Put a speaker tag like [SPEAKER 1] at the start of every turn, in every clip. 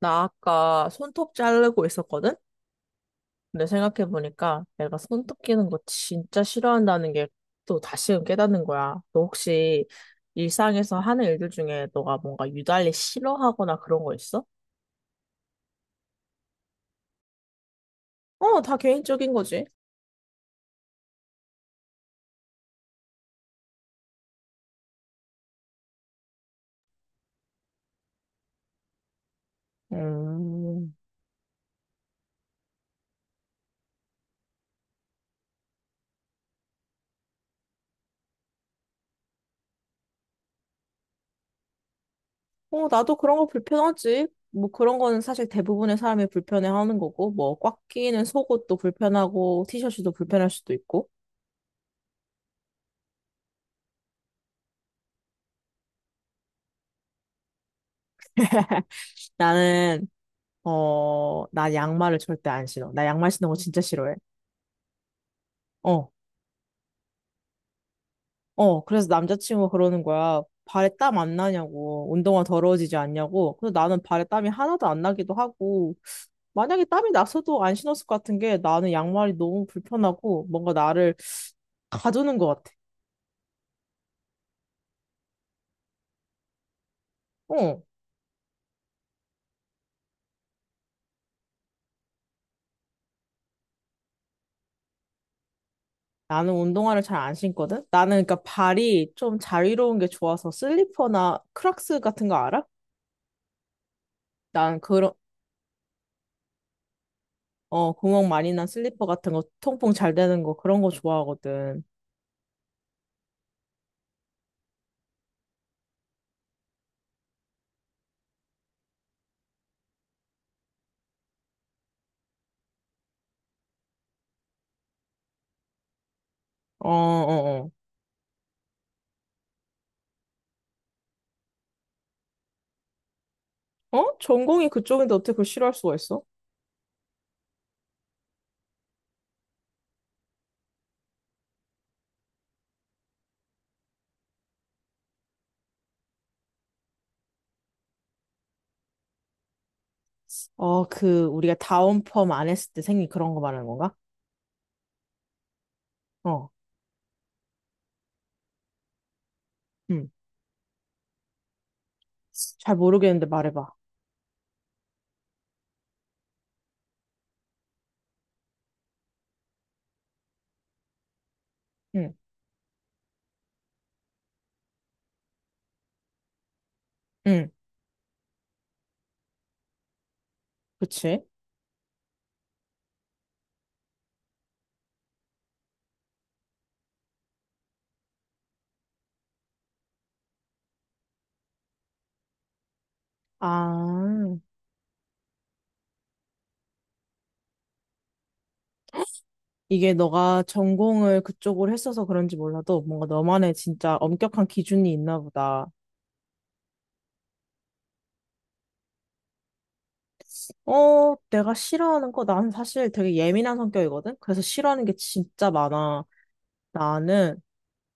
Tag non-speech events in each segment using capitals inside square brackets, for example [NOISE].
[SPEAKER 1] 나 아까 손톱 자르고 있었거든? 근데 생각해보니까 내가 손톱 끼는 거 진짜 싫어한다는 게 또 다시금 깨닫는 거야. 너 혹시 일상에서 하는 일들 중에 너가 뭔가 유달리 싫어하거나 그런 거 있어? 어, 다 개인적인 거지. 음, 나도 그런 거 불편하지. 뭐 그런 거는 사실 대부분의 사람이 불편해하는 거고, 뭐 꽉 끼는 속옷도 불편하고, 티셔츠도 불편할 수도 있고. [LAUGHS] 나는 나 양말을 절대 안 신어. 나 양말 신는 거 진짜 싫어해. 어, 어. 그래서 남자친구가 그러는 거야. 발에 땀 안 나냐고. 운동화 더러워지지 않냐고. 근데 나는 발에 땀이 하나도 안 나기도 하고. 만약에 땀이 났어도 안 신었을 것 같은 게 나는 양말이 너무 불편하고 뭔가 나를 가두는 것 같아. 어. 나는 운동화를 잘 안 신거든? 나는 그러니까 발이 좀 자유로운 게 좋아서 슬리퍼나 크락스 같은 거 알아? 난 그런 구멍 많이 난 슬리퍼 같은 거, 통풍 잘 되는 거, 그런 거 좋아하거든. 어, 어, 어. 어? 전공이 그쪽인데 어떻게 그걸 싫어할 수가 있어? 어, 그, 우리가 다운펌 안 했을 때 생긴 그런 거 말하는 건가? 어, 음. 잘 모르겠는데 말해봐. 응, 응, 그치? 아, 이게 너가 전공을 그쪽으로 했어서 그런지 몰라도 뭔가 너만의 진짜 엄격한 기준이 있나 보다. 내가 싫어하는 거, 나는 사실 되게 예민한 성격이거든? 그래서 싫어하는 게 진짜 많아. 나는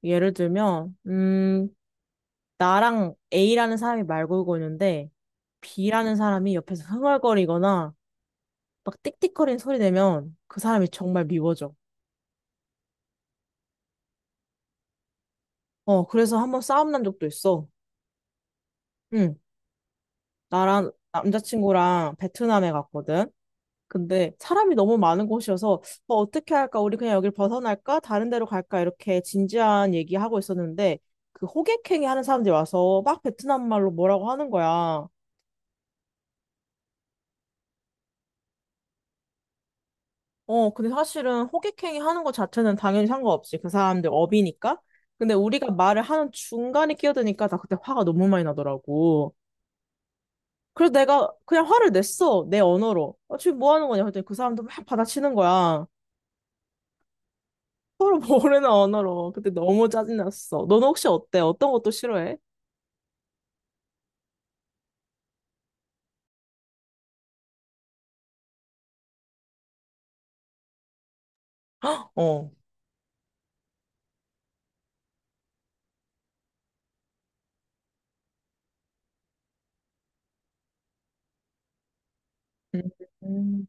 [SPEAKER 1] 예를 들면, 나랑 A라는 사람이 말 걸고 있는데, B라는 사람이 옆에서 흥얼거리거나, 막 띡띡거리는 소리 내면 그 사람이 정말 미워져. 그래서 한번 싸움 난 적도 있어. 응, 나랑 남자친구랑 베트남에 갔거든. 근데 사람이 너무 많은 곳이어서, 뭐 어떻게 할까? 우리 그냥 여길 벗어날까? 다른 데로 갈까? 이렇게 진지한 얘기하고 있었는데, 그 호객행위 하는 사람들이 와서 막 베트남 말로 뭐라고 하는 거야. 근데 사실은 호객행위 하는 것 자체는 당연히 상관없지. 그 사람들 업이니까. 근데 우리가 말을 하는 중간에 끼어드니까 나 그때 화가 너무 많이 나더라고. 그래서 내가 그냥 화를 냈어. 내 언어로. 어, 지금 뭐 하는 거냐? 그랬더니 그 사람도 막 받아치는 거야. 서로 [LAUGHS] 모르는 언어로. 그때 너무 짜증났어. 너는 혹시 어때? 어떤 것도 싫어해? 어. 음. 음.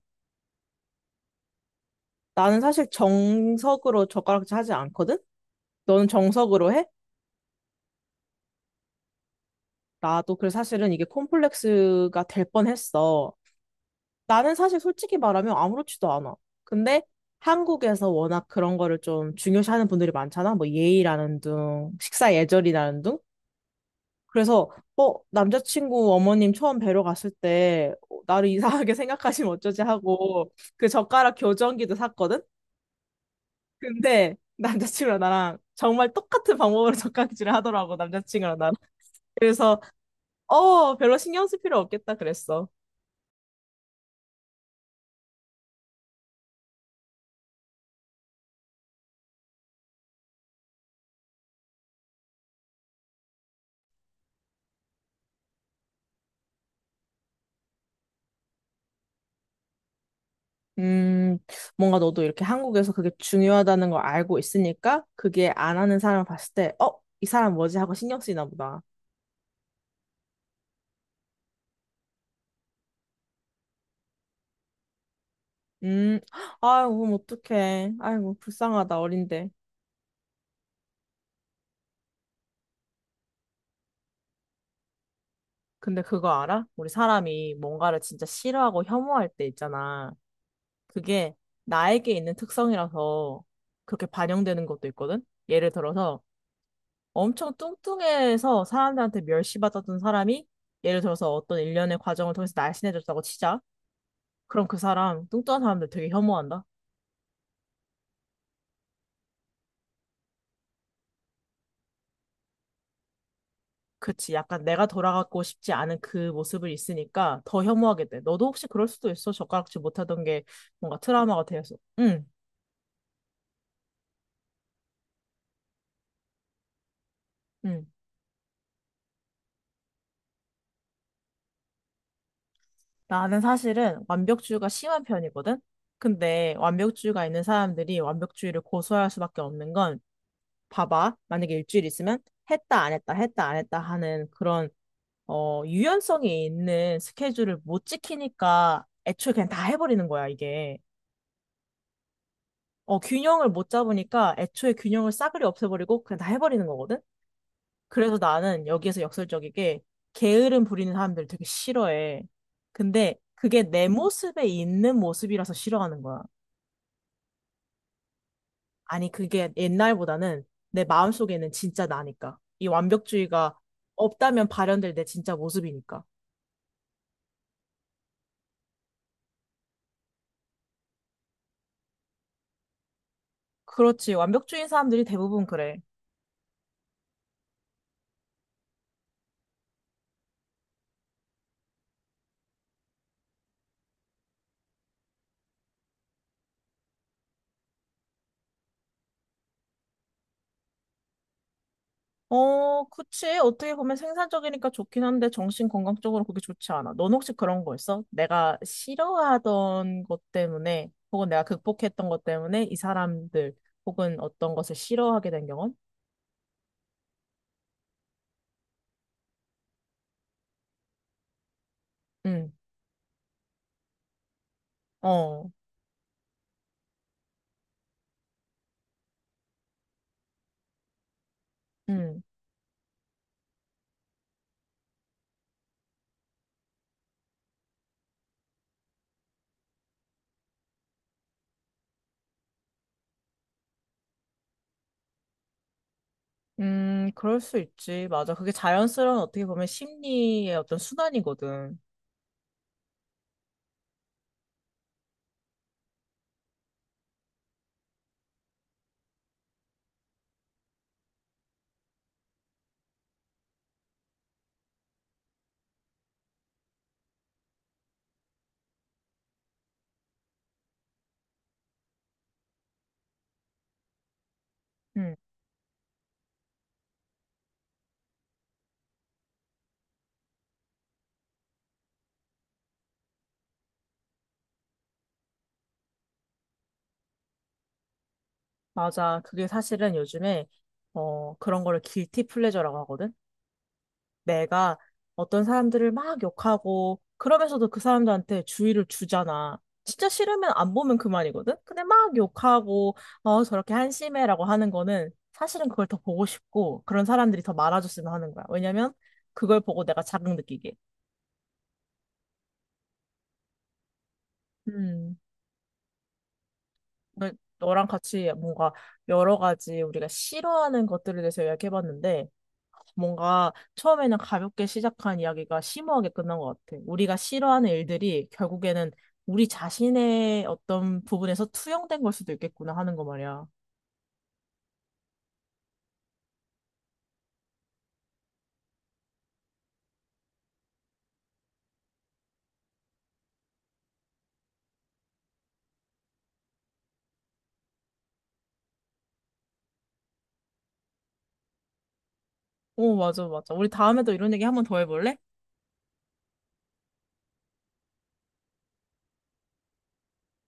[SPEAKER 1] 나는 사실 정석으로 젓가락질 하지 않거든? 너는 정석으로 해? 나도 그래서 사실은 이게 콤플렉스가 될 뻔했어. 나는 사실 솔직히 말하면 아무렇지도 않아. 근데 한국에서 워낙 그런 거를 좀 중요시하는 분들이 많잖아. 뭐 예의라는 둥, 식사 예절이라는 둥. 그래서 어, 남자친구 어머님 처음 뵈러 갔을 때 어, 나를 이상하게 [LAUGHS] 생각하시면 어쩌지 하고 그 젓가락 교정기도 샀거든. 근데 남자친구랑 나랑 정말 똑같은 방법으로 [LAUGHS] 젓가락질을 하더라고 남자친구랑 나랑. 그래서 별로 신경 쓸 필요 없겠다 그랬어. 음, 뭔가 너도 이렇게 한국에서 그게 중요하다는 걸 알고 있으니까 그게 안 하는 사람을 봤을 때, 어, 이 사람 뭐지? 하고 신경 쓰이나 보다. 음, [GASPS] 아이고, 그럼 어떡해. 아이고, 불쌍하다, 어린데. 근데 그거 알아? 우리 사람이 뭔가를 진짜 싫어하고 혐오할 때 있잖아. 그게 나에게 있는 특성이라서 그렇게 반영되는 것도 있거든? 예를 들어서 엄청 뚱뚱해서 사람들한테 멸시받았던 사람이 예를 들어서 어떤 일련의 과정을 통해서 날씬해졌다고 치자. 그럼 그 사람 뚱뚱한 사람들 되게 혐오한다? 그치. 약간 내가 돌아가고 싶지 않은 그 모습을 있으니까 더 혐오하게 돼. 너도 혹시 그럴 수도 있어? 젓가락질 못하던 게 뭔가 트라우마가 되어서. 응, 응. 나는 사실은 완벽주의가 심한 편이거든? 근데 완벽주의가 있는 사람들이 완벽주의를 고수할 수밖에 없는 건 봐봐. 만약에 일주일 있으면 했다, 안 했다, 했다, 안 했다 하는 그런 유연성이 있는 스케줄을 못 지키니까 애초에 그냥 다 해버리는 거야, 이게. 균형을 못 잡으니까 애초에 균형을 싸그리 없애버리고 그냥 다 해버리는 거거든? 그래서 나는 여기에서 역설적이게 게으름 부리는 사람들 되게 싫어해. 근데 그게 내 모습에 있는 모습이라서 싫어하는 거야. 아니, 그게 옛날보다는 내 마음속에는 진짜 나니까. 이 완벽주의가 없다면 발현될 내 진짜 모습이니까. 그렇지. 완벽주의인 사람들이 대부분 그래. 어, 그치. 어떻게 보면 생산적이니까 좋긴 한데 정신 건강적으로 그게 좋지 않아. 넌 혹시 그런 거 있어? 내가 싫어하던 것 때문에 혹은 내가 극복했던 것 때문에 이 사람들 혹은 어떤 것을 싫어하게 된 경험? 응, 어, 응. 그럴 수 있지. 맞아. 그게 자연스러운 어떻게 보면 심리의 어떤 순환이거든. 응, 맞아. 그게 사실은 요즘에 그런 거를 길티 플레저라고 하거든. 내가 어떤 사람들을 막 욕하고 그러면서도 그 사람들한테 주의를 주잖아. 진짜 싫으면 안 보면 그만이거든? 근데 막 욕하고 저렇게 한심해라고 하는 거는 사실은 그걸 더 보고 싶고 그런 사람들이 더 많아졌으면 하는 거야. 왜냐면 그걸 보고 내가 자극 느끼게. 음. 너- 너랑 같이 뭔가 여러 가지 우리가 싫어하는 것들에 대해서 이야기해봤는데 뭔가 처음에는 가볍게 시작한 이야기가 심오하게 끝난 것 같아. 우리가 싫어하는 일들이 결국에는 우리 자신의 어떤 부분에서 투영된 걸 수도 있겠구나 하는 거 말이야. 오, 맞아, 맞아. 우리 다음에 또 이런 얘기 한번 더 해볼래?